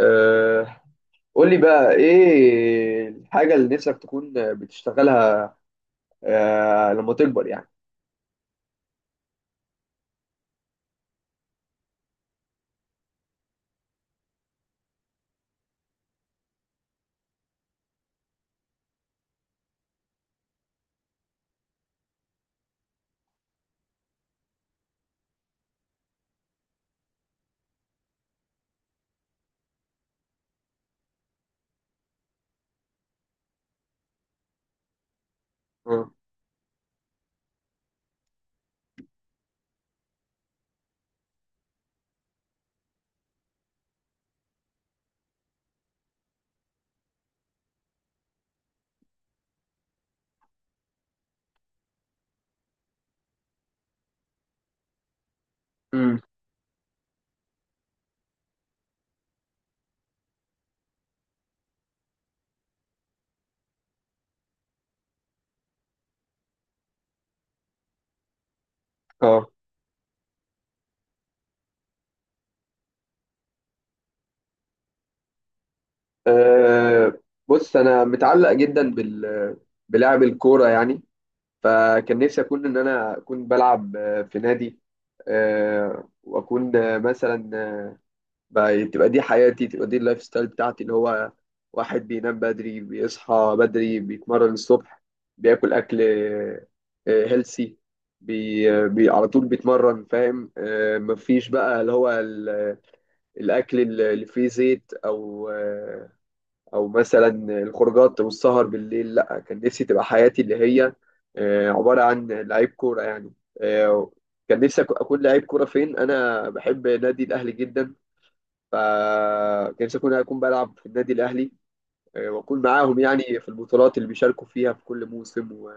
أه قول لي بقى ايه الحاجة اللي نفسك تكون بتشتغلها؟ لما تكبر يعني. مم. مم. اه أه، بص انا متعلق جدا بلعب الكورة يعني. فكان نفسي ان انا اكون بلعب في نادي. أه واكون مثلا، بقى تبقى دي حياتي، تبقى دي اللايف ستايل بتاعتي، اللي هو واحد بينام بدري، بيصحى بدري، بيتمرن الصبح، بياكل اكل هيلسي، بي على طول بيتمرن، فاهم؟ مفيش بقى اللي هو الاكل اللي فيه زيت او او مثلا الخروجات والسهر بالليل. لا، كان نفسي تبقى حياتي اللي هي عبارة عن لعيب كورة يعني. آه، كان نفسي اكون لعيب كورة. فين، انا بحب نادي الاهلي جدا، فنفسي أكون بلعب في النادي الأهلي، وأكون معاهم يعني في البطولات اللي بيشاركوا فيها في كل موسم،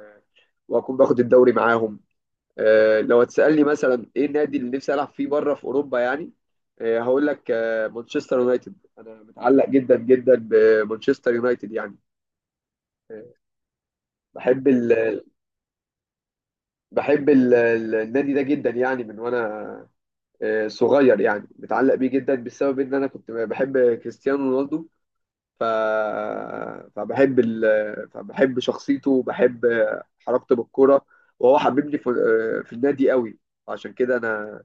وأكون باخد الدوري معاهم. لو هتسألني مثلا إيه النادي اللي نفسي ألعب فيه بره في أوروبا يعني، هقول لك مانشستر يونايتد. أنا متعلق جدا جدا بمانشستر يونايتد يعني. آه، بحب ال بحب النادي ده جدا يعني. من وأنا صغير يعني، متعلق بيه جدا بسبب إن أنا كنت بحب كريستيانو رونالدو. ف... فبحب ال... فبحب شخصيته، وبحب حركته بالكرة، وهو حببني في في النادي قوي. عشان كده انا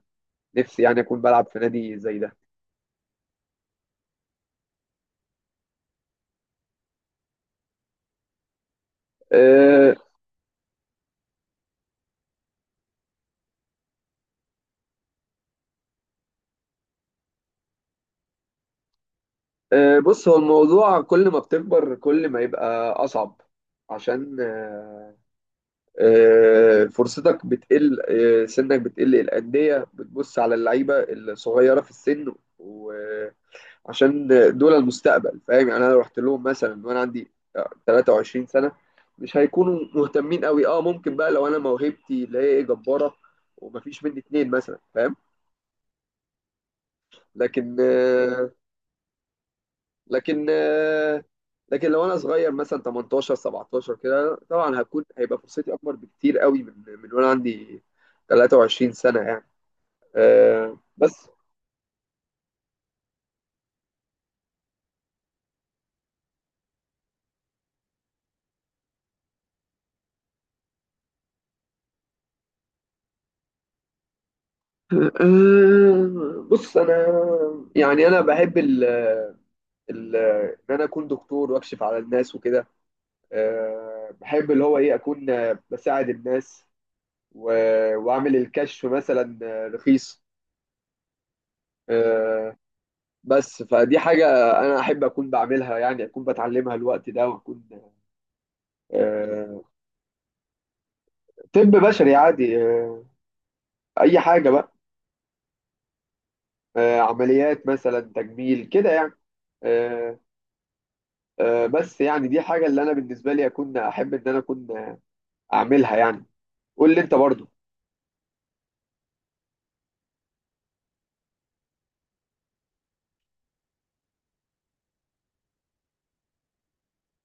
نفسي يعني اكون بلعب في نادي زي ده. أه، أه، بص، هو الموضوع كل ما بتكبر كل ما يبقى اصعب، عشان فرصتك بتقل، سنك بتقل، الأندية بتبص على اللعيبة الصغيرة في السن، و عشان دول المستقبل، فاهم يعني؟ انا لو رحت لهم مثلا وانا عندي 23 سنه، مش هيكونوا مهتمين قوي. اه، ممكن بقى لو انا موهبتي اللي هي إيه جباره، ومفيش مني اتنين مثلا، فاهم؟ لكن آه، لكن آه، لكن لو انا صغير مثلا 18 17 كده، طبعا هكون، هيبقى فرصتي اكبر بكتير قوي من وانا عندي 23 سنه يعني. بس. بص، انا يعني انا بحب ال- ان انا اكون دكتور واكشف على الناس وكده. بحب اللي هو ايه، اكون بساعد الناس، واعمل الكشف مثلا رخيص. آه، بس، فدي حاجة أنا أحب أكون بعملها يعني، أكون بتعلمها الوقت ده، وأكون آه، طب بشري عادي، أي حاجة بقى. عمليات مثلا تجميل كده يعني. آه، بس يعني دي حاجة اللي أنا بالنسبة لي أكون أحب إن أنا أكون أعملها يعني. قول لي أنت برضو.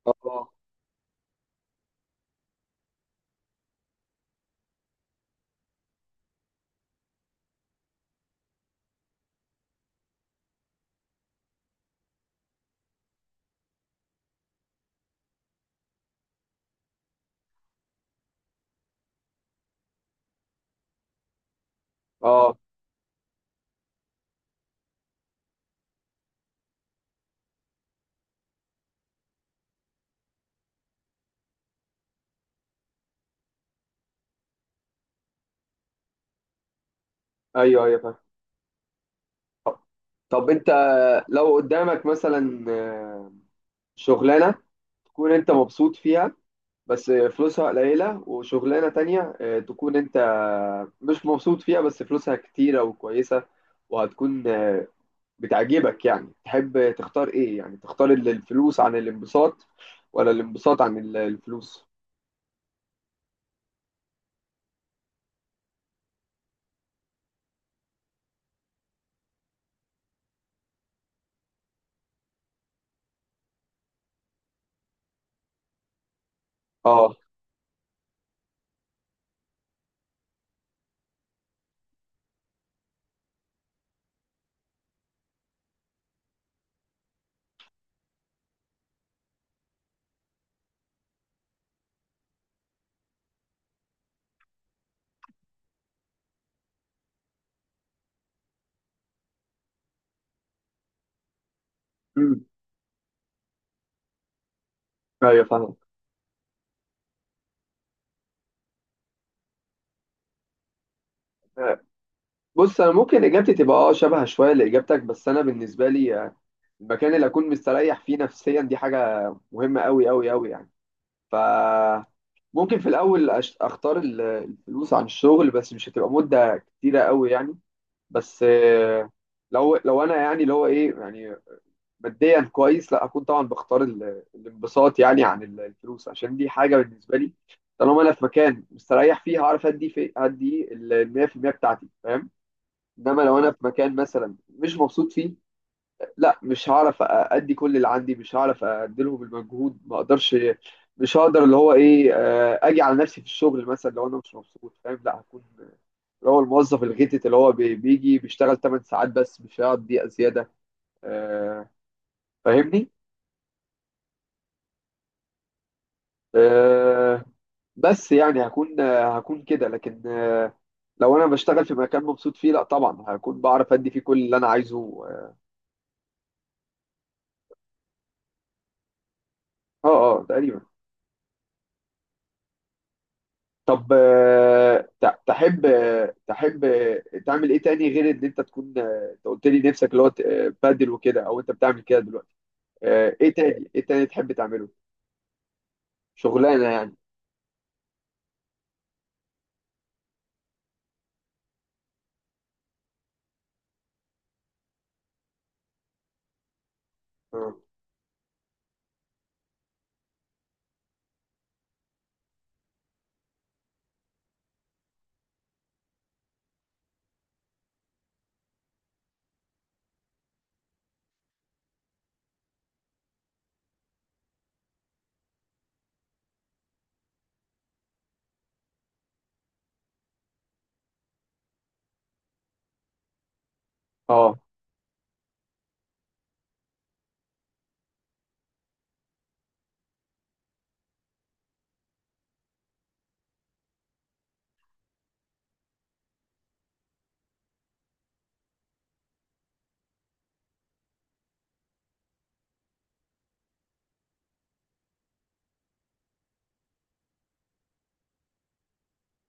اه. اه. ايوه، ايوه، فاهم. طب، انت، لو قدامك مثلا شغلانه تكون انت مبسوط فيها بس فلوسها قليله، وشغلانه تانية تكون انت مش مبسوط فيها بس فلوسها كتيره وكويسه وهتكون بتعجبك، يعني تحب تختار ايه؟ يعني تختار الفلوس عن الانبساط ولا الانبساط عن الفلوس؟ اه. امم. ايوه، فاهم. آه، بص، انا ممكن اجابتي تبقى اه شبه شويه لاجابتك، بس انا بالنسبه لي المكان اللي اكون مستريح فيه نفسيا دي حاجه مهمه قوي قوي قوي يعني. ف ممكن في الاول اختار الفلوس عن الشغل، بس مش هتبقى مده كتيره قوي يعني. بس لو انا يعني اللي هو ايه يعني ماديا كويس، لا اكون طبعا بختار الانبساط يعني عن الفلوس، عشان دي حاجه بالنسبه لي. طالما انا في مكان مستريح فيه، هعرف ادي في ادي ال 100% بتاعتي، فاهم؟ انما لو انا في مكان مثلا مش مبسوط فيه، لا، مش هعرف ادي كل اللي عندي، مش هعرف اديلهم المجهود، ما اقدرش. مش هقدر اللي هو ايه اجي على نفسي في الشغل مثلا لو انا مش مبسوط، فاهم؟ لا، هكون اللي هو الموظف الغتت اللي هو بيجي بيشتغل 8 ساعات بس مش هيقعد دقيقة زيادة. آه، فاهمني؟ آه، بس يعني هكون هكون كده، لكن لو انا بشتغل في مكان مبسوط فيه لا طبعا هكون بعرف ادي فيه كل اللي انا عايزه. اه. اه، تقريبا. طب تحب تعمل ايه تاني غير ان انت تكون؟ انت قلت لي نفسك اللي هو بادل وكده، او انت بتعمل كده دلوقتي. ايه تاني، ايه تاني تحب تعمله؟ شغلانه يعني. اه. آه.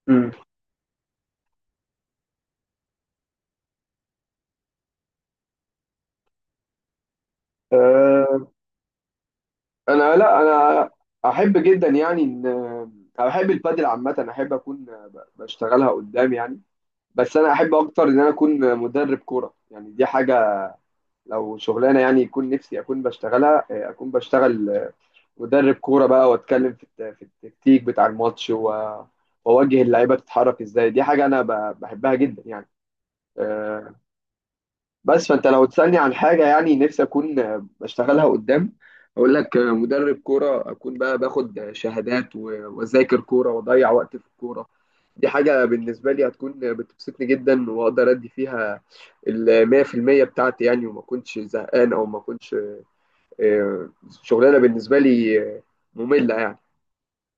أمم. آه، انا، لا انا احب جدا يعني احب البادل عامه، احب اكون بشتغلها قدام يعني. بس انا احب اكتر ان انا اكون مدرب كوره يعني. دي حاجه، لو شغلانه يعني يكون نفسي اكون بشتغلها، اكون بشتغل مدرب كوره بقى، واتكلم في في التكتيك بتاع الماتش، واوجه اللعيبه تتحرك ازاي. دي حاجه انا بحبها جدا يعني. آه، بس، فانت لو تسالني عن حاجه يعني نفسي اكون بشتغلها قدام، اقول لك مدرب كوره. اكون بقى باخد شهادات، واذاكر كوره، واضيع وقت في الكوره. دي حاجه بالنسبه لي هتكون بتبسطني جدا، واقدر ادي فيها ال 100% بتاعتي يعني، وما كنتش زهقان، او ما كنتش آه، شغلانه بالنسبه لي ممله يعني.